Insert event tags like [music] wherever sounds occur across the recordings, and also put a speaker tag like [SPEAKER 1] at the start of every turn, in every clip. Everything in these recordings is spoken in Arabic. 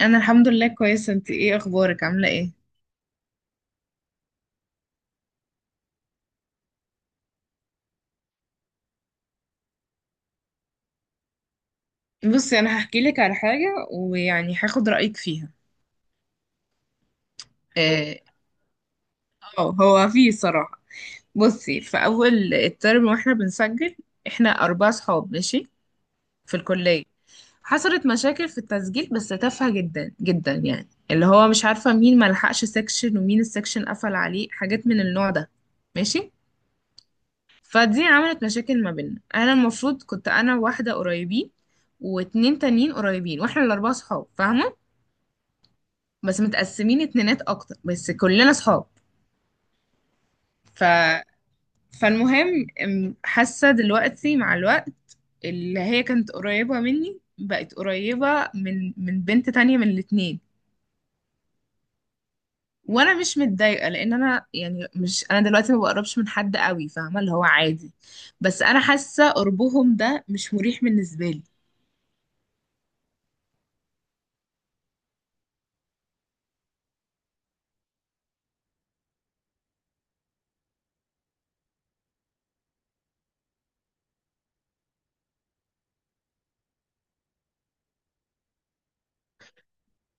[SPEAKER 1] انا الحمد لله كويسه، انت ايه اخبارك؟ عامله ايه؟ بصي، انا هحكي لك على حاجه ويعني هاخد رايك فيها. اه. هو في صراحه. بصي، في اول الترم واحنا بنسجل، احنا اربع صحاب. ماشي. في الكليه. حصلت مشاكل في التسجيل بس تافهه جدا جدا، يعني اللي هو مش عارفه مين ما لحقش سيكشن ومين السيكشن قفل عليه، حاجات من النوع ده. ماشي. فدي عملت مشاكل ما بيننا، انا المفروض كنت انا واحده قريبين، واتنين تانيين قريبين، واحنا الاربعه صحاب فاهمه، بس متقسمين اتنينات اكتر بس كلنا صحاب. ف فالمهم، حاسه دلوقتي مع الوقت اللي هي كانت قريبه مني بقت قريبه من بنت تانية من الاتنين. وانا مش متضايقه لان انا يعني مش انا دلوقتي ما بقربش من حد قوي فاهمه، اللي هو عادي، بس انا حاسه قربهم ده مش مريح بالنسبه لي.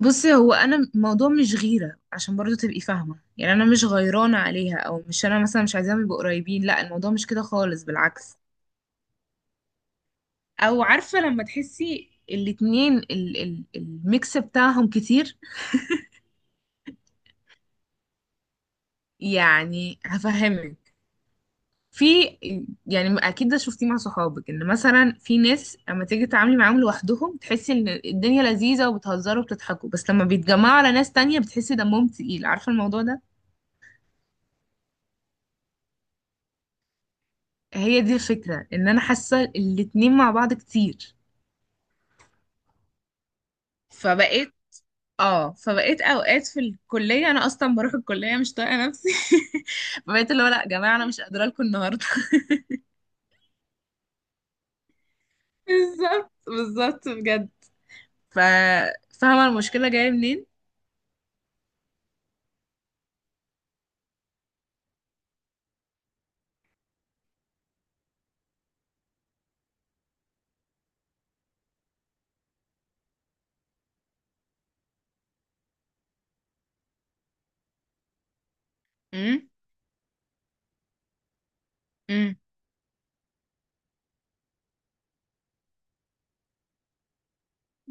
[SPEAKER 1] بصي، هو انا الموضوع مش غيره عشان برضو تبقي فاهمه، يعني انا مش غيرانه عليها او مش انا مثلا مش عايزاهم يبقوا قريبين، لا الموضوع مش كده خالص، بالعكس. او عارفه لما تحسي الاتنين ال ال الميكس بتاعهم كتير. يعني هفهمك. في يعني اكيد ده شفتيه مع صحابك، ان مثلا في ناس اما تيجي تتعاملي معاهم لوحدهم تحسي ان الدنيا لذيذه وبتهزروا وبتضحكوا، بس لما بيتجمعوا على ناس تانية بتحسي دمهم تقيل، عارفه الموضوع ده. هي دي الفكرة، ان انا حاسة الاتنين مع بعض كتير. فبقيت اه فبقيت اوقات في الكلية انا اصلا بروح الكلية مش طايقة نفسي. [laughs] فبقيت اللي هو لا يا جماعة انا مش قادرة لكم النهاردة. [laughs] بالظبط بالظبط بجد. ف فاهمة المشكلة جاية منين؟ امم. امم.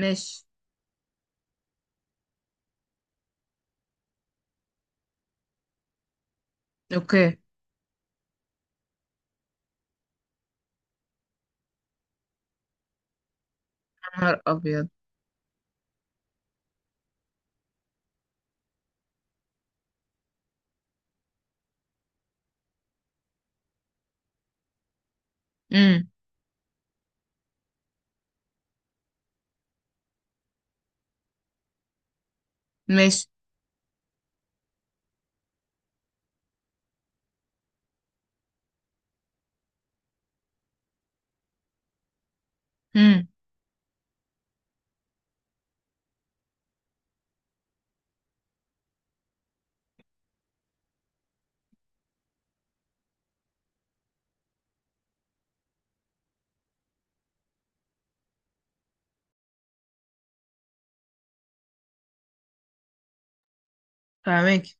[SPEAKER 1] ماشي. اوكي يا نهار ابيض. امم. ماشي. امم. فاهماكي.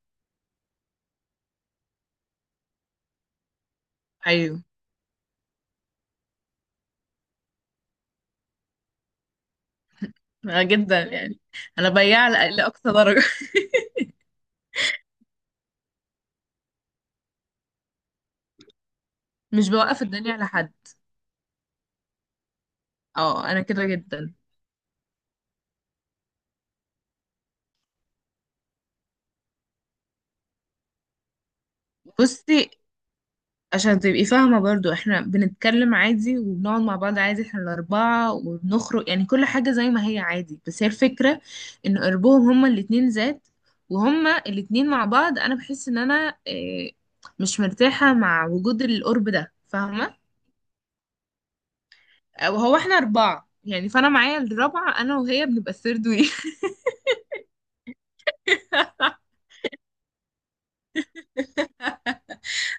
[SPEAKER 1] ايوه. أنا جدا يعني. انا بياع لأقصى درجة. [laughs] مش بوقف الدنيا على حد. اه انا كده جدا. بصي، عشان تبقي فاهمة برضو، احنا بنتكلم عادي وبنقعد مع بعض عادي، احنا الأربعة وبنخرج، يعني كل حاجة زي ما هي عادي، بس هي الفكرة ان قربهم هما الاتنين ذات، وهما الاتنين مع بعض انا بحس ان انا مش مرتاحة مع وجود القرب ده فاهمة. وهو احنا أربعة يعني، فانا معايا الرابعة انا وهي بنبقى الثيرد وي. [laughs]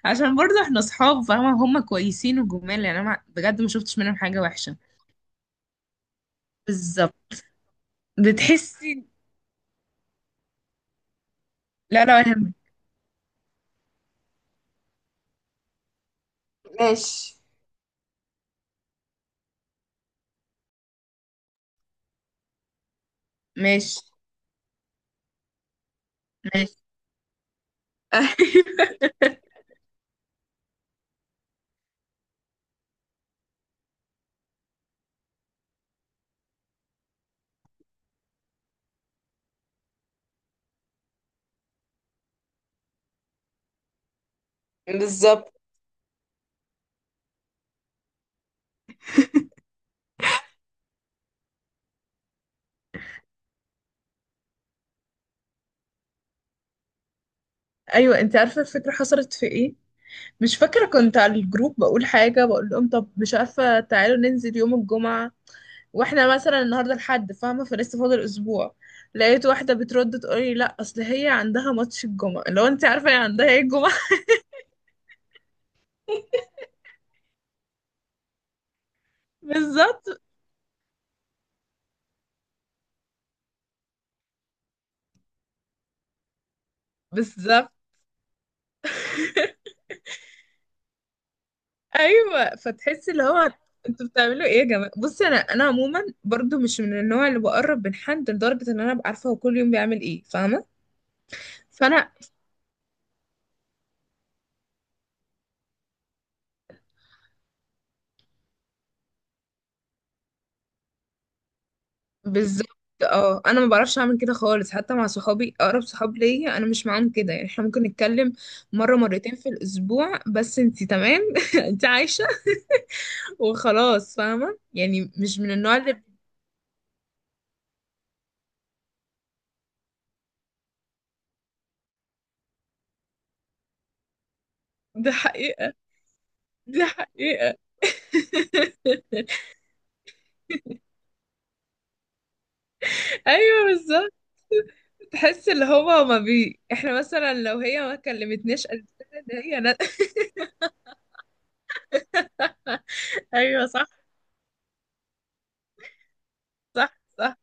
[SPEAKER 1] عشان برضو احنا صحاب فاهمة، هما كويسين وجمال، يعني انا بجد ما شفتش منهم حاجة وحشة. بالظبط. بتحسي. لا لا. ماشي. ماشي. ماشي. [laughs] بالظبط. ايوه، انت عارفه الفكره حصلت في ايه؟ مش فاكره، كنت على الجروب بقول حاجه، بقول لهم طب مش عارفه تعالوا ننزل يوم الجمعه، واحنا مثلا النهارده الحد فاهمه، فلسه فاضل اسبوع. لقيت واحده بترد تقول لي لا اصل هي عندها ماتش الجمعه، لو انت عارفه هي عندها ايه الجمعه. [laughs] بالظبط بالظبط. ايوه، فتحس اللي هو انتوا بتعملوا ايه يا جماعه. بصي، انا عموما برضو مش من النوع اللي بقرب من حد لدرجه ان انا ابقى عارفه هو كل يوم بيعمل ايه، فاهمه. فانا بالظبط. اه انا ما بعرفش اعمل كده خالص، حتى مع صحابي اقرب صحاب ليا انا مش معاهم كده، يعني احنا ممكن نتكلم مره مرتين في الاسبوع بس انتي تمام. [laughs] انتي عايشه وخلاص فاهمه، يعني مش من النوع اللي. دي حقيقه. دي حقيقه. [laughs] ايوه بالظبط. تحس اللي هو ما بي، احنا مثلا لو هي ما كلمتنيش قالت لنا ان هي. [laughs] ايوه صح. صح صح.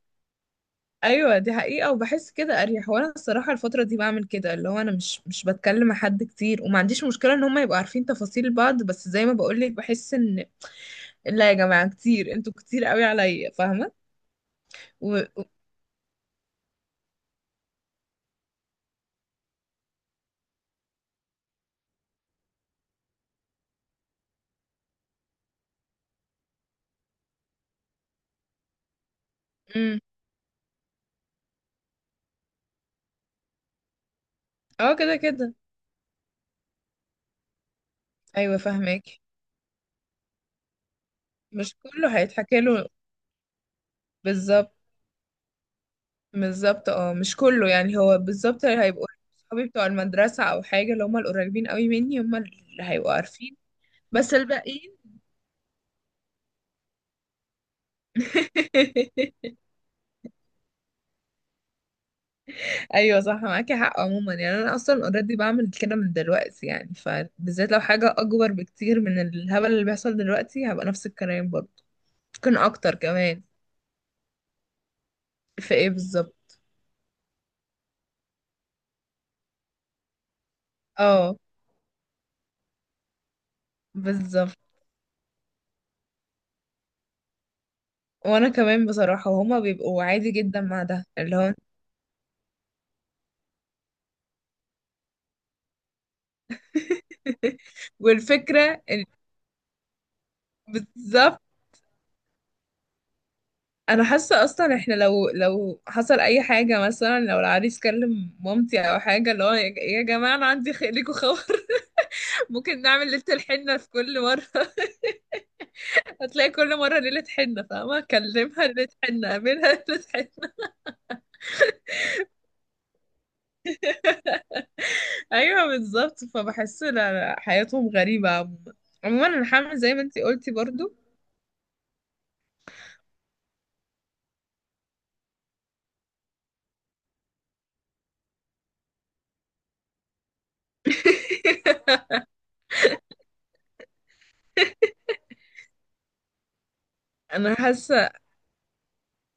[SPEAKER 1] ايوه دي حقيقه، وبحس كده اريح، وانا الصراحه الفتره دي بعمل كده اللي هو انا مش بتكلم مع حد كتير، وما عنديش مشكله ان هم يبقوا عارفين تفاصيل بعض، بس زي ما بقول لك بحس ان لا يا جماعه كتير، انتوا كتير قوي عليا فاهمه. و... امم. اه كده كده. ايوه فاهمك. مش كله هيتحكي له. بالظبط. بالظبط، اه مش كله يعني، هو بالظبط اللي هيبقوا صحابي بتوع المدرسة أو حاجة اللي هم القريبين قوي مني هم اللي هيبقوا عارفين. بس الباقيين. [laughs] أيوة صح معاكي حق، عموما يعني أنا أصلا اوريدي بعمل كده من دلوقتي، يعني فبالذات لو حاجة أكبر بكتير من الهبل اللي بيحصل دلوقتي هبقى نفس الكلام برضه. ممكن أكتر كمان. في ايه بالظبط؟ اه. بالظبط وانا كمان بصراحة، وهما بيبقوا عادي جدا مع ده اللي هو. [laughs] والفكرة إن- بالظبط. انا حاسه اصلا احنا لو حصل اي حاجه، مثلا لو العريس كلم مامتي او حاجه اللي هو يا يا جماعه انا عندي ليكوا خبر. [laughs] ممكن نعمل ليله الحنه في كل مره. [laughs] هتلاقي كل مره ليله حنه فاهمه، اكلمها ليله حنه، اقابلها ليله حنه. [laughs] ايوه بالظبط. فبحس لا لا حياتهم غريبه عموما. عموما انا حامل زي ما انتي قلتي برضو. [laughs] انا حاسه.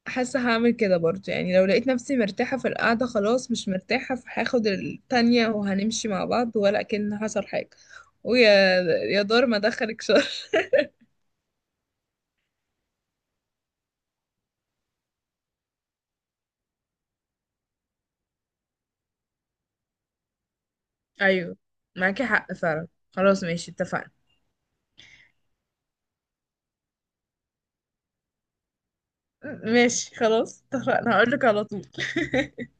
[SPEAKER 1] حاسة هعمل كده برضه، يعني لو لقيت نفسي مرتاحة في القعدة خلاص مش مرتاحة فهاخد التانية وهنمشي مع بعض ولا كأن حصل حاجة. ويا يا دار ما دخلك شر. ايوه معاكي حق فعلا. خلاص ماشي اتفقنا. ماشي خلاص اتفقنا هقولك على طول. [laughs]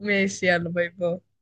[SPEAKER 1] ماشي يلا باي باي.